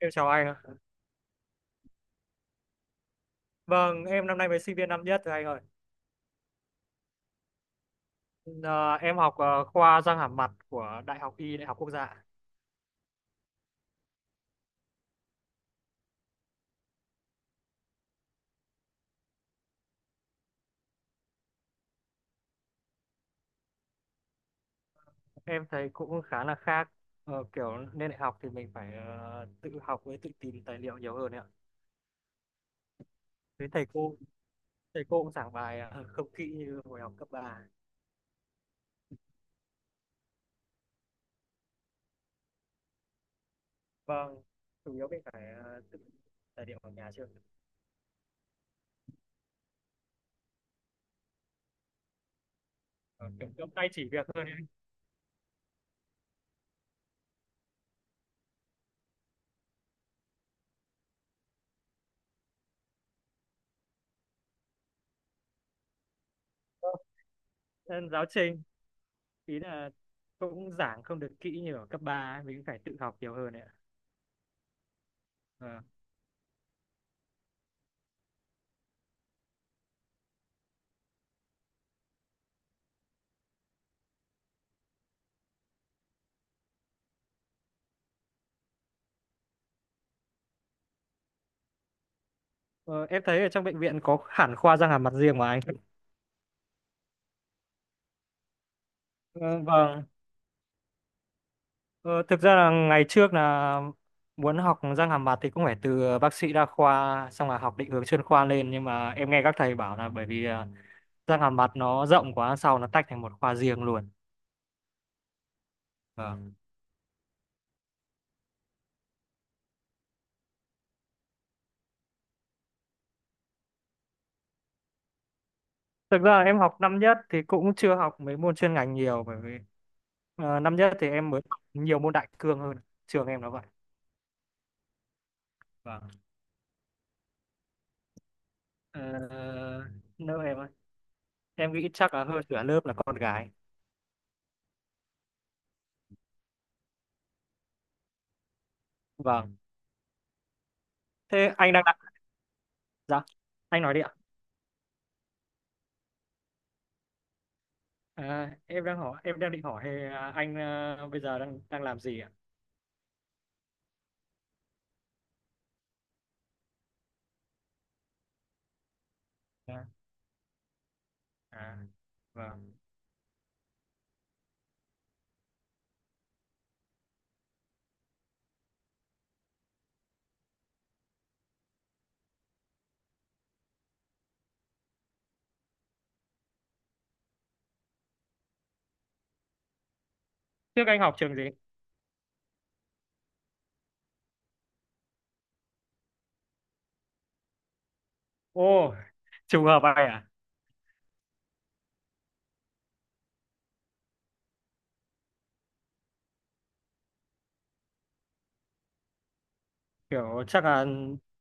Em chào anh ạ. Vâng, em năm nay mới sinh viên năm nhất rồi anh ơi. Ờ, em học khoa răng hàm mặt của Đại học Y, Đại học Quốc gia. Em thấy cũng khá là khác. Kiểu lên đại học thì mình phải tự học với tự tìm tài liệu nhiều hơn ấy ạ. Với thầy cô cũng giảng bài không kỹ như hồi học cấp ba. Vâng, chủ yếu mình phải tự tài liệu ở nhà trước. Ờ, Kiểu kiểu tay chỉ việc hơn ấy. Vâng, nên giáo trình ý là cũng giảng không được kỹ như ở cấp 3 ấy. Mình cũng phải tự học nhiều hơn ấy ạ. Ờ, Ờ, em thấy ở trong bệnh viện có hẳn khoa răng hàm mặt riêng mà anh. Ờ, vâng. Ờ, Thực ra là ngày trước là muốn học răng hàm mặt thì cũng phải từ bác sĩ đa khoa xong là học định hướng chuyên khoa lên, nhưng mà em nghe các thầy bảo là bởi vì răng hàm mặt nó rộng quá sau nó tách thành một khoa riêng luôn. Vâng. Thực ra em học năm nhất thì cũng chưa học mấy môn chuyên ngành nhiều, bởi vì năm nhất thì em mới học nhiều môn đại cương hơn. Trường em nó vậy. Vâng. Ờ, Lớp em ơi, em nghĩ chắc là hơn nửa lớp là con gái. Vâng. Thế anh đang đặt Dạ, anh nói đi ạ. À, em đang hỏi em đang định hỏi anh bây giờ đang đang làm gì ạ? À, à, vâng. Trước anh học trường gì? Ô, trùng hợp vậy à? Kiểu chắc là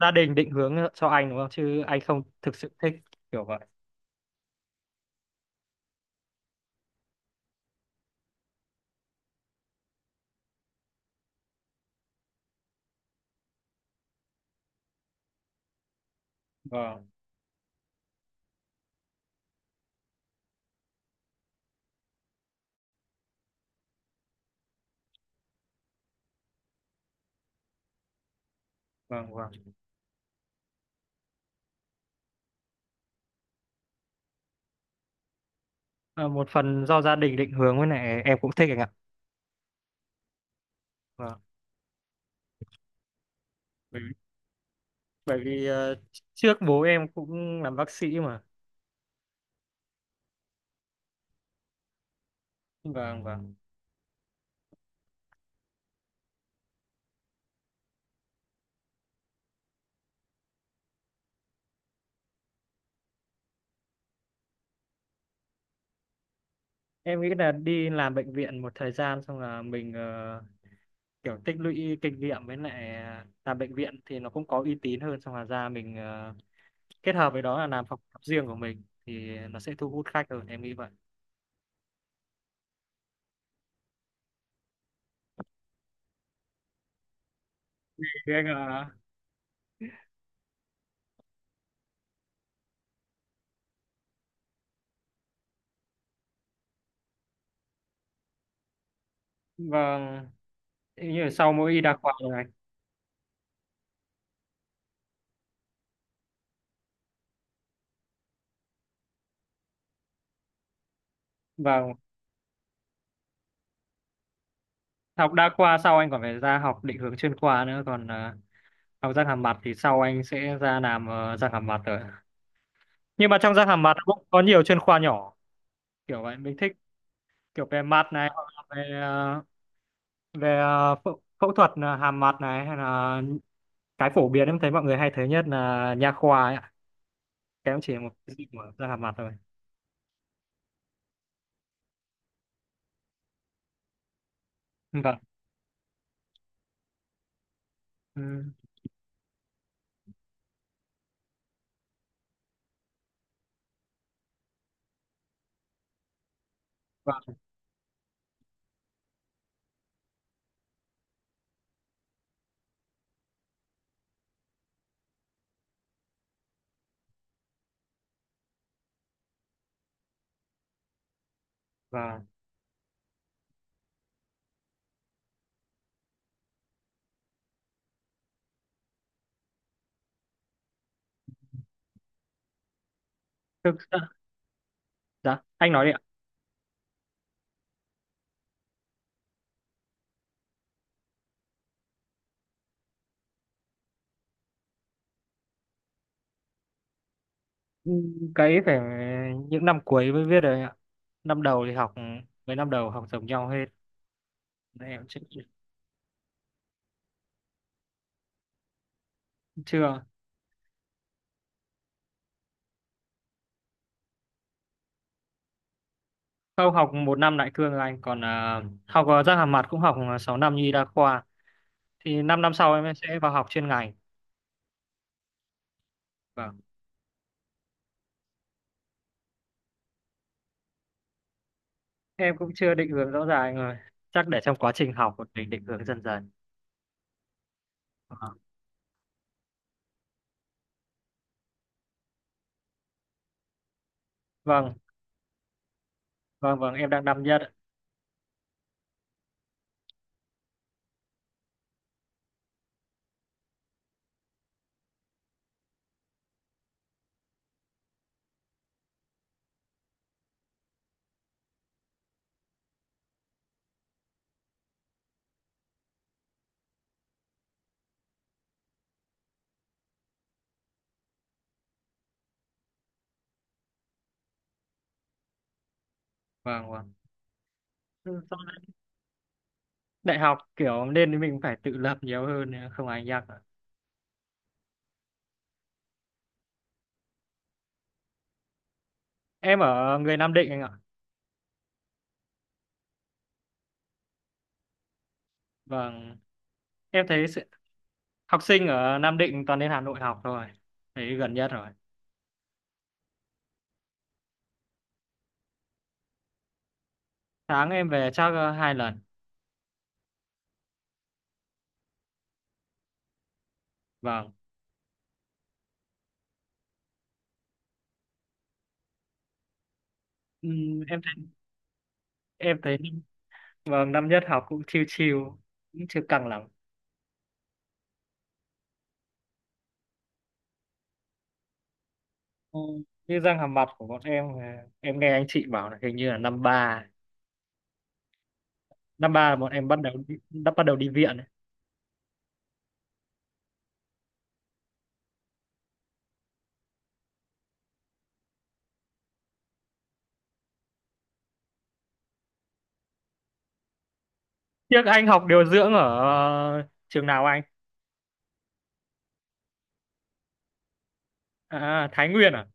gia đình định hướng cho anh đúng không? Chứ anh không thực sự thích kiểu vậy. Vâng, vâng, vâng. Ờ, Một phần do gia đình định hướng, với này em cũng thích anh ạ. Vâng. Bởi vì, bởi vì trước bố em cũng làm bác sĩ mà. Vâng, vâng. Em nghĩ là đi làm bệnh viện một thời gian xong là mình kiểu tích lũy kinh nghiệm, với lại à, làm bệnh viện thì nó cũng có uy tín hơn, xong là ra mình à, kết hợp với đó là làm phòng khám riêng của mình thì nó sẽ thu hút khách hơn, em nghĩ vậy. Thế anh ạ. Vâng. Thế như là sau mỗi y đa khoa rồi anh. Vâng. Học đa khoa sau anh còn phải ra học định hướng chuyên khoa nữa, còn à, học răng hàm mặt thì sau anh sẽ ra làm răng hàm mặt rồi, nhưng mà trong răng hàm mặt nó cũng có nhiều chuyên khoa nhỏ, kiểu vậy. Mình thích kiểu về mặt này, hoặc là về phẫu phẫu thuật hàm mặt này, hay là cái phổ biến em thấy mọi người hay thấy nhất là nha khoa ấy ạ. Cái cũng chỉ là một cái dịch mở ra hàm mặt thôi. Vâng. Ừ. và và thực ra, dạ anh nói đi ạ. Ừ, cái phải những năm cuối mới viết rồi anh ạ. Năm đầu thì học, mấy năm đầu học giống nhau hết. Nên em chưa, không học một năm lại cương rồi anh, còn à, học à, răng hàm mặt cũng học à, 6 năm như y đa khoa, thì 5 năm năm sau em sẽ vào học chuyên ngành. Vâng. Em cũng chưa định hướng rõ ràng rồi, chắc để trong quá trình học mình định hướng dần dần. Vâng. Vâng, vâng, em đang năm nhất ạ. Vâng, vâng. Ừ, sau này đại học kiểu nên mình phải tự lập nhiều hơn, không ai nhắc ạ. Em ở người Nam Định anh ạ. Vâng. Em thấy sự... học sinh ở Nam Định toàn đến Hà Nội học thôi, thấy gần nhất rồi. Sáng em về chắc hai lần. Vâng. Ừm, em thấy em thấy, vâng, năm nhất học cũng chill chill, cũng chưa căng lắm. Ừ, như răng hàm mặt của bọn em em nghe anh chị bảo là hình như là năm ba, năm ba là bọn em bắt đầu đi, đã bắt đầu đi viện. Tiếc anh học điều dưỡng ở trường nào anh? À, Thái Nguyên à?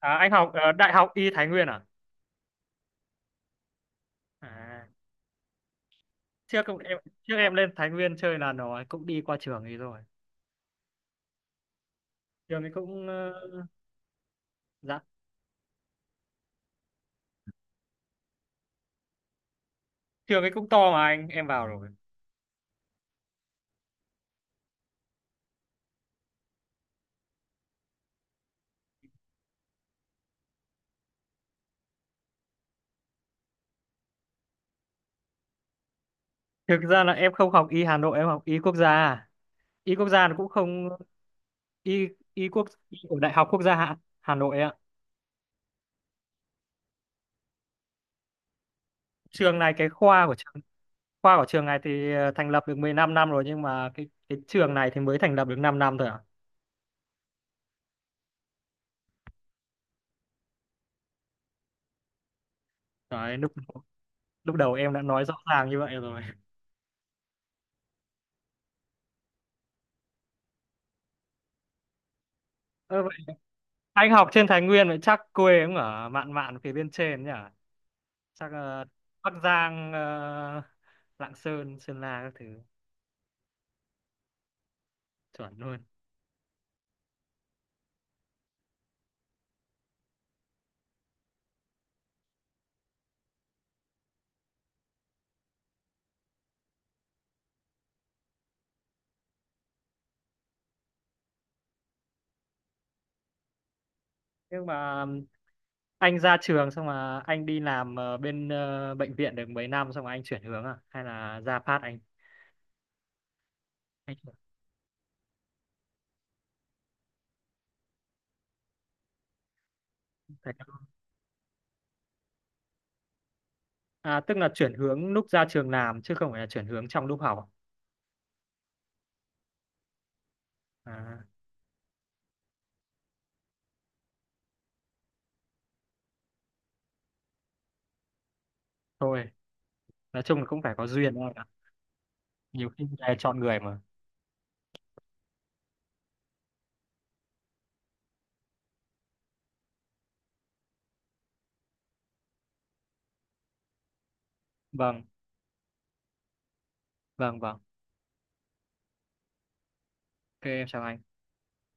À, anh học Đại học Y Thái Nguyên à? À, trước cũng- em trước em lên Thái Nguyên chơi là nó cũng đi qua trường ấy rồi. Trường ấy cũng ờ, Dạ, trường ấy cũng to mà anh, em vào rồi. Thực ra là em không học Y Hà Nội, em học Y Quốc gia. À. Y Quốc gia nó cũng không, Y Y quốc Y ở Đại học Quốc gia Hà Nội ạ. Trường này cái khoa của trường Khoa của trường này thì thành lập được 15 năm rồi, nhưng mà cái trường này thì mới thành lập được 5 năm thôi à. Đấy, lúc lúc đầu em đã nói rõ ràng như vậy rồi. Ơ vậy, anh học trên Thái Nguyên vậy chắc quê cũng ở mạn mạn phía bên trên nhỉ, chắc Bắc Giang, Lạng Sơn, Sơn La các thứ. Chuẩn luôn. Nhưng mà anh ra trường xong mà anh đi làm bệnh viện được mấy năm xong mà anh chuyển hướng à, hay là ra phát anh anh chuyển- À, tức là chuyển hướng lúc ra trường làm, chứ không phải là chuyển hướng trong lúc học. À, à, thôi, nói chung là cũng phải có duyên thôi ạ. Nhiều khi là chọn người mà. Vâng, vâng, vâng. Ok, em chào anh.